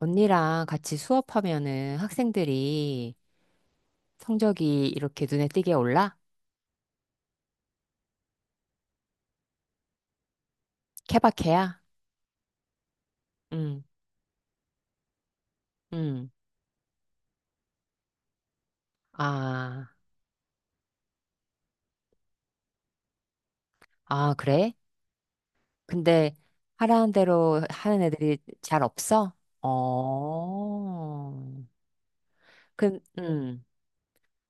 언니랑 같이 수업하면은 학생들이 성적이 이렇게 눈에 띄게 올라? 케바케야? 응, 응. 아, 아, 그래? 근데 하라는 대로 하는 애들이 잘 없어? 어. 그,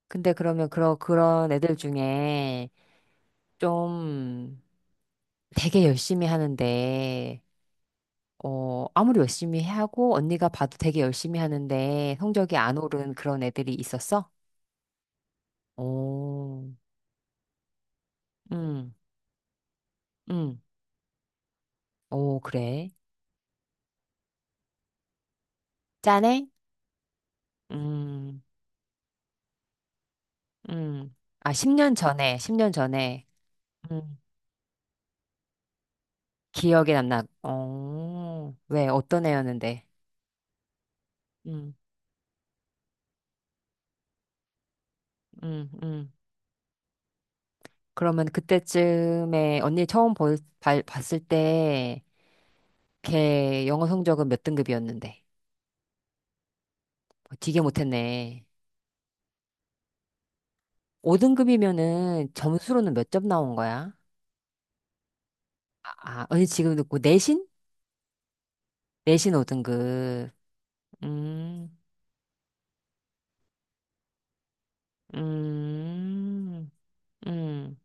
근데 그러면 그런 애들 중에 좀 되게 열심히 하는데, 어, 아무리 열심히 하고 언니가 봐도 되게 열심히 하는데 성적이 안 오른 그런 애들이 있었어? 오, 음, 음, 오, 그래. 짠해? 음, 음. 아, 10년 전에, 십 년 전에. 음, 기억에 남나. 어, 왜, 어떤 애였는데? 음, 음, 음. 그러면 그때쯤에 언니 처음 봤을 때, 걔 영어 성적은 몇 등급이었는데? 어, 되게 못했네. 5등급이면은 점수로는 몇 점 나온 거야? 아, 언니 지금 듣고 내신? 내신 5등급. 음. 음, 음,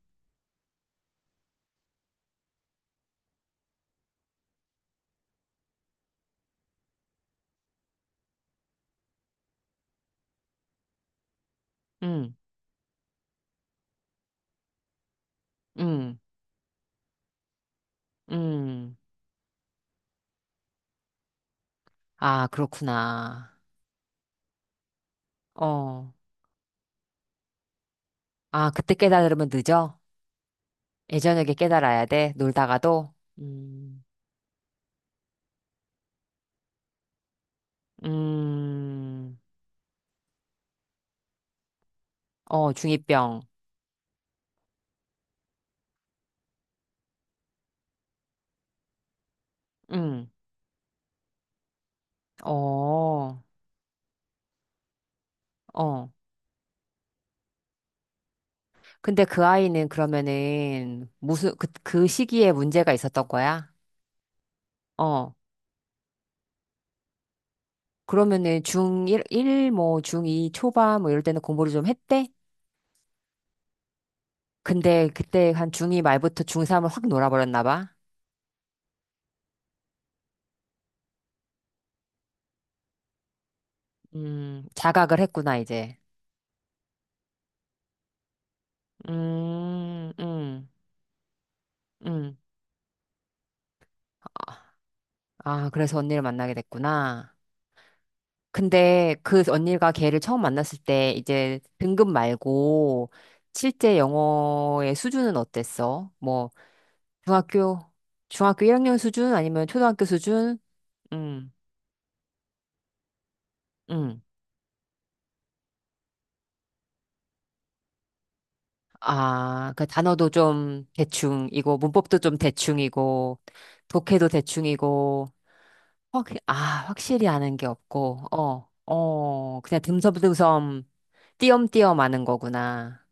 음, 음, 음. 아, 그렇구나. 어. 아, 그때 깨달으면 늦어? 예전에게 깨달아야 돼? 놀다가도? 음, 음, 어, 중이병. 음, 어, 어. 근데 그 아이는 그러면은 무슨, 그, 그 시기에 문제가 있었던 거야? 어. 그러면은 중1, 일 뭐, 중2 초반 뭐 이럴 때는 공부를 좀 했대? 근데 그때 한 중2 말부터 중3을 확 놀아버렸나 봐. 자각을 했구나, 이제. 음, 음, 음. 아, 그래서 언니를 만나게 됐구나. 근데 그 언니가 걔를 처음 만났을 때 이제 등급 말고 실제 영어의 수준은 어땠어? 뭐 중학교 중학교 1학년 수준 아니면 초등학교 수준? 음. 음. 아, 그 단어도 좀 대충이고, 문법도 좀 대충이고, 독해도 대충이고, 확, 아, 확실히 아는 게 없고, 어, 어, 그냥 듬성듬성, 띄엄띄엄 아는 거구나.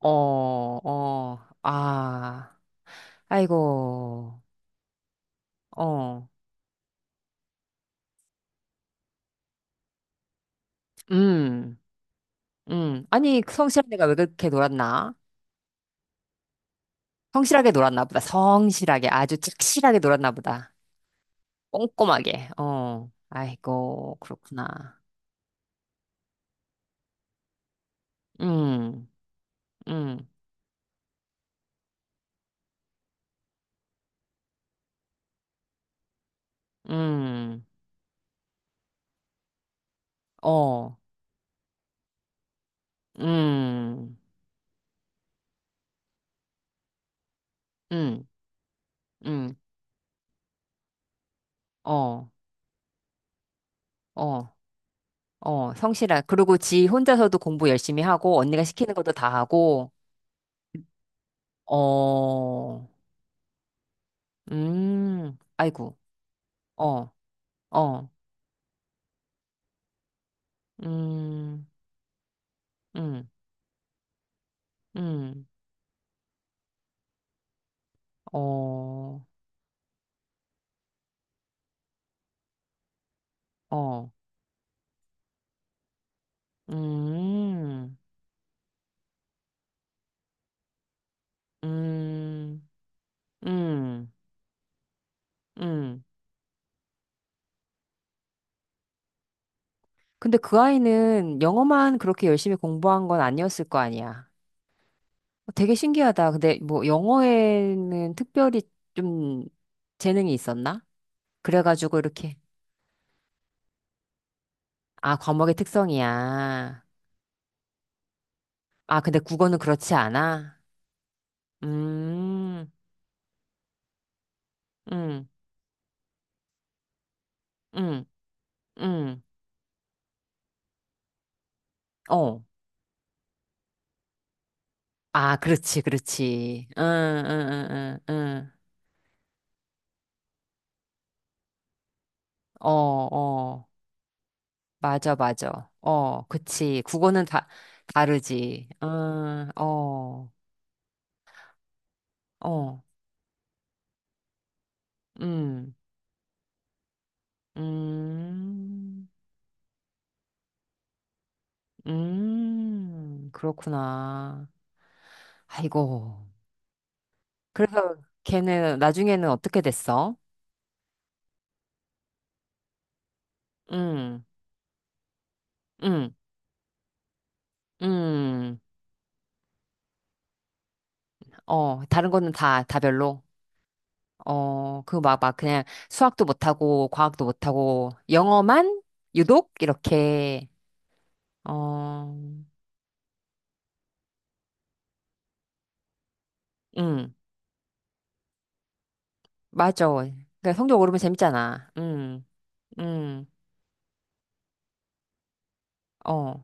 어, 어, 아, 아이고, 어, 음, 아니, 그 성실한 애가 왜 그렇게 놀았나? 성실하게 놀았나 보다. 성실하게, 아주 착실하게 놀았나 보다. 꼼꼼하게, 어, 아이고, 그렇구나. 음, 음, 음, 어, 음, 음, 음, 어, 어, 어, 성실한. 그리고 지 혼자서도 공부 열심히 하고, 언니가 시키는 것도 다 하고, 어, 아이고, 어, 어, 음, 음, 음, 어, 어, 음, 음, 음, 음. 근데 그 아이는 영어만 그렇게 열심히 공부한 건 아니었을 거 아니야. 어, 되게 신기하다. 근데 뭐 영어에는 특별히 좀 재능이 있었나? 그래가지고 이렇게. 아, 과목의 특성이야. 아, 근데 국어는 그렇지 않아? 음, 음, 음, 음, 어. 아, 그렇지, 그렇지. 응, 응, 응, 응, 응. 어, 어. 맞아, 맞아. 어, 그치. 국어는 다, 다르지. 응, 어, 어, 음, 음. 그렇구나. 아이고. 그래서 걔는 나중에는 어떻게 됐어? 음, 음, 음. 어, 다른 거는 다, 다 별로. 어, 그 막, 막 그냥 수학도 못하고, 과학도 못하고, 영어만 유독 이렇게, 어, 음, 맞아. 그러니까 성적 오르면 재밌잖아. 음, 어.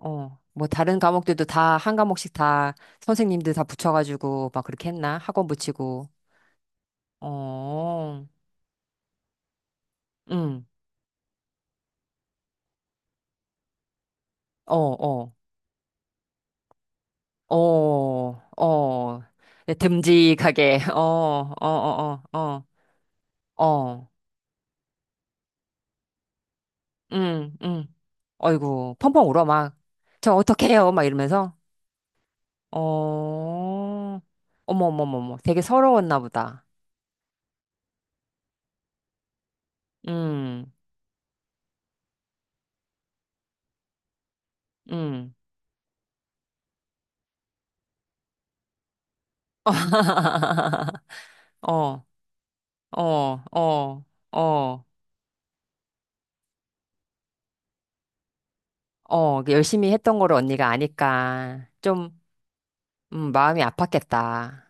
어, 뭐 다른 과목들도 다 한 과목씩 다 선생님들 다 붙여가지고 막 그렇게 했나? 학원 붙이고. 어, 응, 어, 어, 어, 어. 네, 듬직하게, 어, 어, 어, 어, 어, 어, 응, 응. 어이구, 펑펑 울어, 막. 저 어떡해요? 막 이러면서. 어, 어머, 어머, 어머, 어머. 되게 서러웠나 보다. 음, 음. 어. 어, 어, 어, 어. 그 열심히 했던 거를 언니가 아니까 좀 마음이 아팠겠다.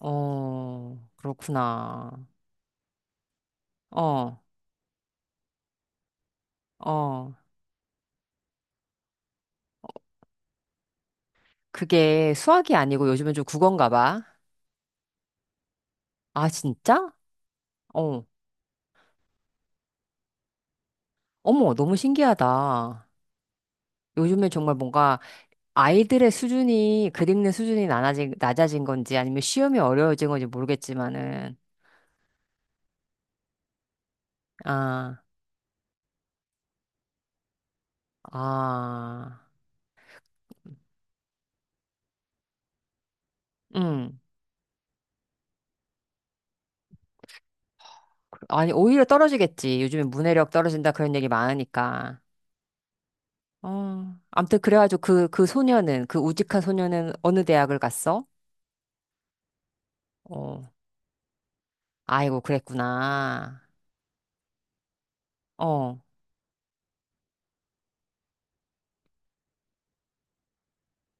어, 그렇구나. 어, 어. 그게 수학이 아니고 요즘은 좀 국어인가 봐. 아, 진짜? 어. 어머, 너무 신기하다. 요즘에 정말 뭔가 아이들의 수준이, 글 읽는 수준이 낮아진, 낮아진 건지 아니면 시험이 어려워진 건지 모르겠지만은, 아, 아, 응. 아니, 오히려 떨어지겠지. 요즘에 문해력 떨어진다 그런 얘기 많으니까. 어, 암튼 그래가지고 그, 그 소녀는, 그 우직한 소녀는 어느 대학을 갔어? 어, 아이고, 그랬구나. 어,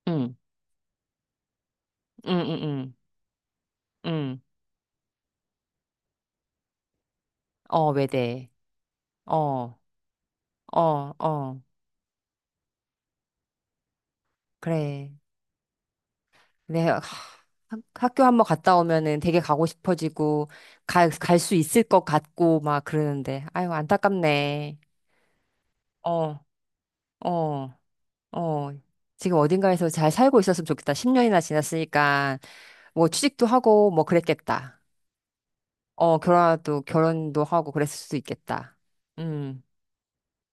응, 응, 응, 응, 응. 어, 외대. 어, 어, 어, 그래. 내가 학교 한번 갔다 오면은 되게 가고 싶어지고, 갈, 갈 수 있을 것 같고, 막 그러는데. 아유, 안타깝네. 어, 어. 어, 지금 어딘가에서 잘 살고 있었으면 좋겠다. 10년이나 지났으니까, 뭐, 취직도 하고, 뭐, 그랬겠다. 어, 결혼도, 결혼도 하고, 그랬을 수도 있겠다. 음.